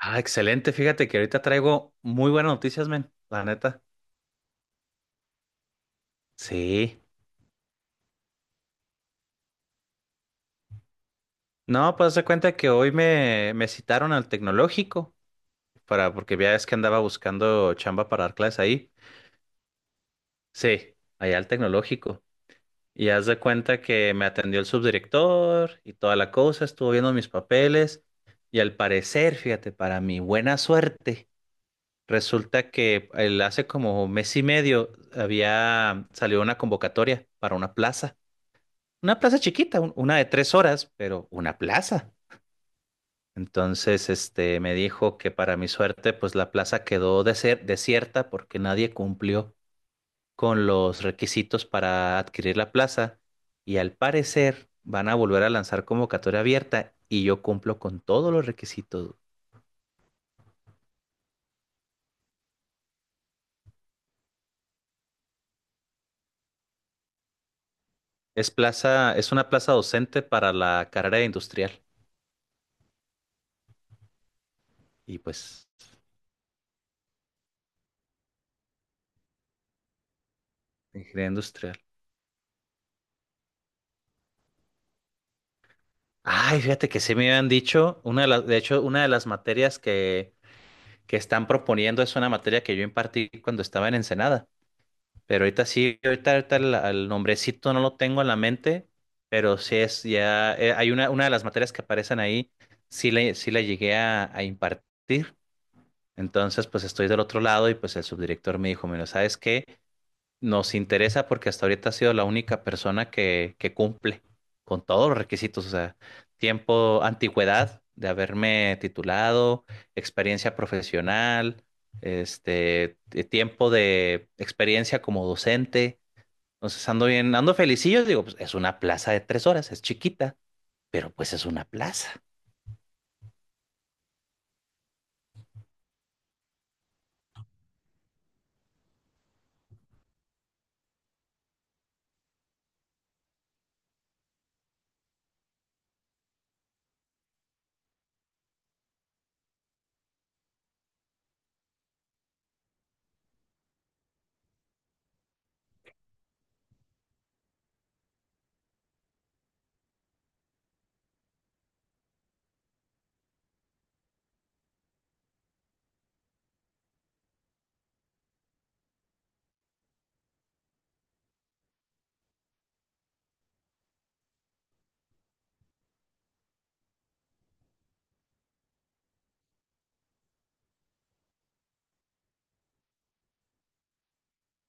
Ah, excelente. Fíjate que ahorita traigo muy buenas noticias, men. La neta. Sí. No, pues haz de cuenta que hoy me citaron al tecnológico porque ya es que andaba buscando chamba para dar clases ahí. Sí, allá al tecnológico. Y haz de cuenta que me atendió el subdirector y toda la cosa, estuvo viendo mis papeles. Y al parecer, fíjate, para mi buena suerte, resulta que hace como mes y medio había salido una convocatoria para una plaza. Una plaza chiquita, una de tres horas, pero una plaza. Entonces, este, me dijo que para mi suerte, pues la plaza quedó desierta porque nadie cumplió con los requisitos para adquirir la plaza, y al parecer van a volver a lanzar convocatoria abierta y yo cumplo con todos los requisitos. Es plaza, es una plaza docente para la carrera de industrial y pues de ingeniería industrial. Ay, fíjate que sí me habían dicho, una de las, de hecho, una de las materias que están proponiendo es una materia que yo impartí cuando estaba en Ensenada. Pero ahorita sí, ahorita el nombrecito no lo tengo en la mente, pero sí es ya, hay una de las materias que aparecen ahí, sí la llegué a impartir. Entonces, pues estoy del otro lado y pues el subdirector me dijo, mira, ¿sabes qué? Nos interesa porque hasta ahorita ha sido la única persona que cumple con todos los requisitos, o sea, tiempo, antigüedad de haberme titulado, experiencia profesional, este, de tiempo de experiencia como docente. Entonces ando bien, ando felicillo, digo, pues es una plaza de tres horas, es chiquita, pero pues es una plaza.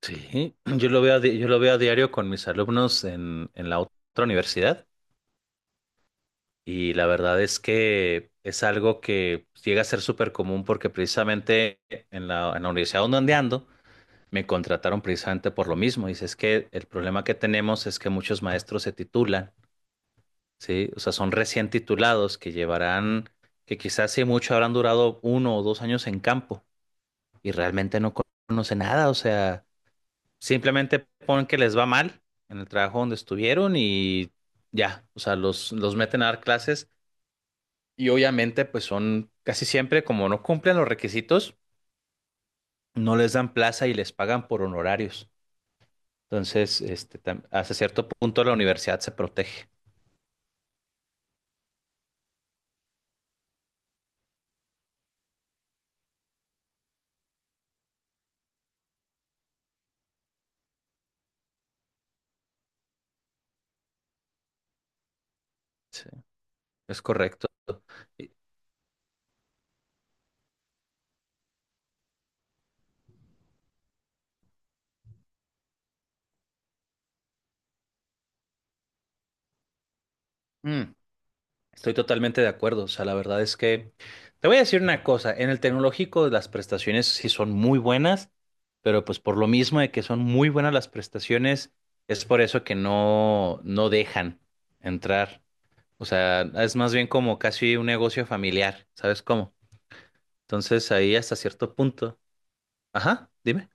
Sí, yo lo veo yo lo veo a diario con mis alumnos en, la otra universidad. Y la verdad es que es algo que llega a ser súper común porque precisamente en la universidad donde ando me contrataron precisamente por lo mismo. Dice, es que el problema que tenemos es que muchos maestros se titulan, ¿sí? O sea, son recién titulados que llevarán, que quizás si mucho habrán durado uno o dos años en campo y realmente no conocen nada. O sea, simplemente ponen que les va mal en el trabajo donde estuvieron y ya, o sea, los meten a dar clases. Y obviamente, pues son casi siempre, como no cumplen los requisitos, no les dan plaza y les pagan por honorarios. Entonces, este, hasta cierto punto la universidad se protege. Sí, es correcto. Y- mm, Estoy totalmente de acuerdo. O sea, la verdad es que te voy a decir una cosa. En el tecnológico las prestaciones sí son muy buenas, pero pues por lo mismo de que son muy buenas las prestaciones, es por eso que no, no dejan entrar. O sea, es más bien como casi un negocio familiar, ¿sabes cómo? Entonces ahí hasta cierto punto. Ajá, dime.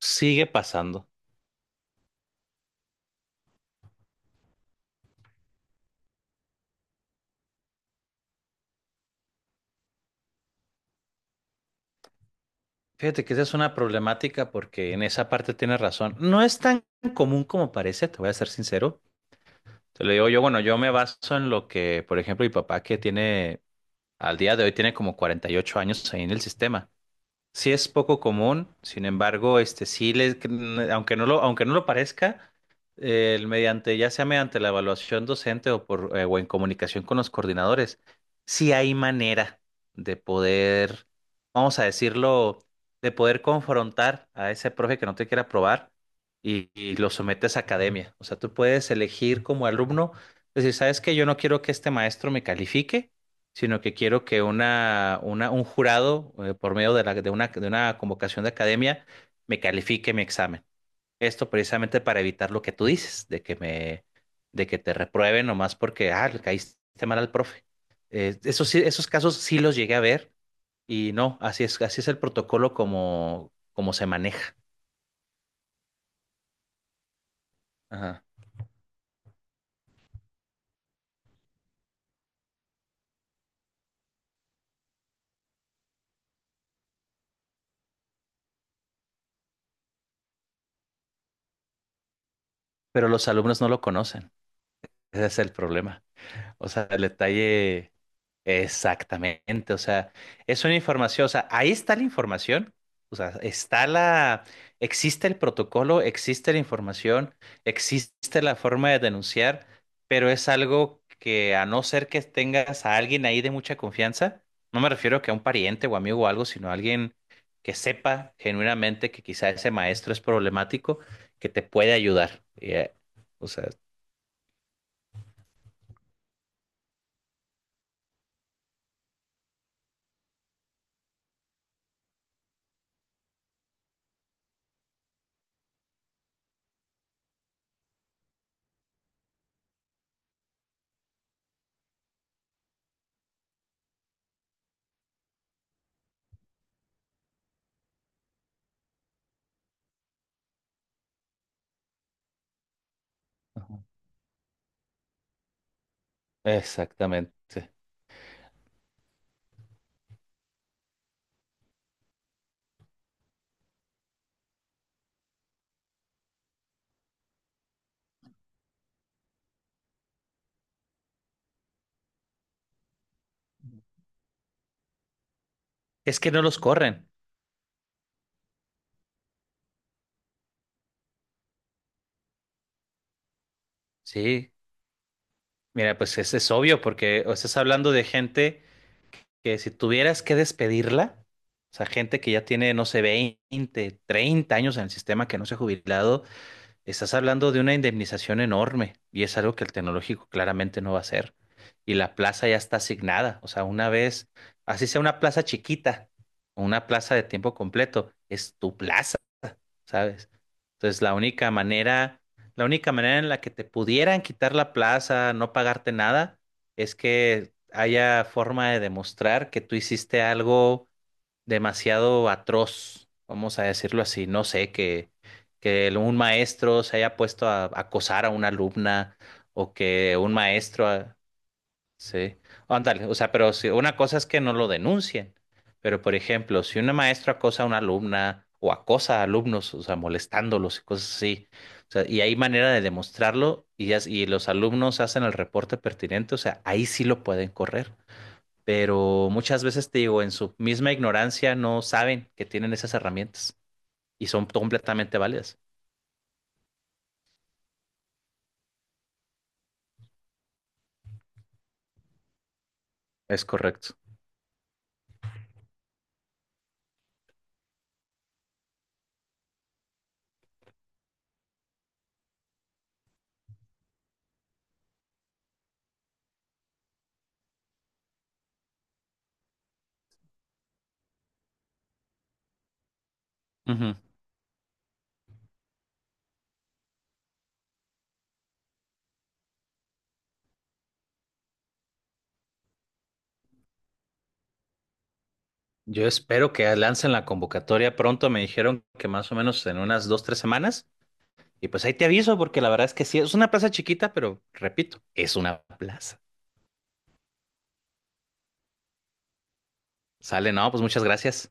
Sigue pasando. Fíjate que esa es una problemática porque en esa parte tienes razón. No es tan común como parece, te voy a ser sincero. Te lo digo yo, bueno, yo me baso en lo que, por ejemplo, mi papá que tiene, al día de hoy tiene como 48 años ahí en el sistema. Sí es poco común, sin embargo, este sí les, aunque no lo parezca, el mediante, ya sea mediante la evaluación docente o por o en comunicación con los coordinadores, sí hay manera de poder, vamos a decirlo, de poder confrontar a ese profe que no te quiere aprobar, y lo sometes a academia. O sea, tú puedes elegir como alumno, decir, ¿sabes qué? Yo no quiero que este maestro me califique, sino que quiero que un jurado, por medio de, de una convocación de academia, me califique mi examen. Esto precisamente para evitar lo que tú dices, de que te reprueben nomás porque, ah, le caíste mal al profe. Esos casos sí los llegué a ver y no, así es el protocolo como, como se maneja. Ajá. Pero los alumnos no lo conocen. Ese es el problema. O sea, el detalle. Exactamente, o sea, es una información, o sea, ahí está la información, o sea, existe el protocolo, existe la información, existe la forma de denunciar, pero es algo que a no ser que tengas a alguien ahí de mucha confianza, no me refiero que a un pariente o amigo o algo, sino a alguien que sepa genuinamente que quizá ese maestro es problemático, que te puede ayudar. O sea, exactamente. Es que no los corren. Sí, mira, pues ese es obvio, porque o estás hablando de gente que si tuvieras que despedirla, o sea, gente que ya tiene, no sé, 20, 30 años en el sistema que no se ha jubilado, estás hablando de una indemnización enorme y es algo que el tecnológico claramente no va a hacer. Y la plaza ya está asignada, o sea, una vez, así sea una plaza chiquita o una plaza de tiempo completo, es tu plaza. ¿Sabes? Entonces, la única manera en la que te pudieran quitar la plaza, no pagarte nada, es que haya forma de demostrar que tú hiciste algo demasiado atroz, vamos a decirlo así, no sé, que un maestro se haya puesto a acosar a una alumna, o que un maestro... Sí, ándale, o sea, pero si una cosa es que no lo denuncien, pero por ejemplo, si una maestra acosa a una alumna o acosa a alumnos, o sea, molestándolos y cosas así, o sea, y hay manera de demostrarlo y, y los alumnos hacen el reporte pertinente, o sea, ahí sí lo pueden correr, pero muchas veces te digo, en su misma ignorancia no saben que tienen esas herramientas y son completamente válidas. Es correcto. Ujú. Yo espero que lancen la convocatoria pronto. Me dijeron que más o menos en unas 2, 3 semanas. Y pues ahí te aviso, porque la verdad es que sí, es una plaza chiquita, pero repito, es una plaza. Sale, no, pues muchas gracias.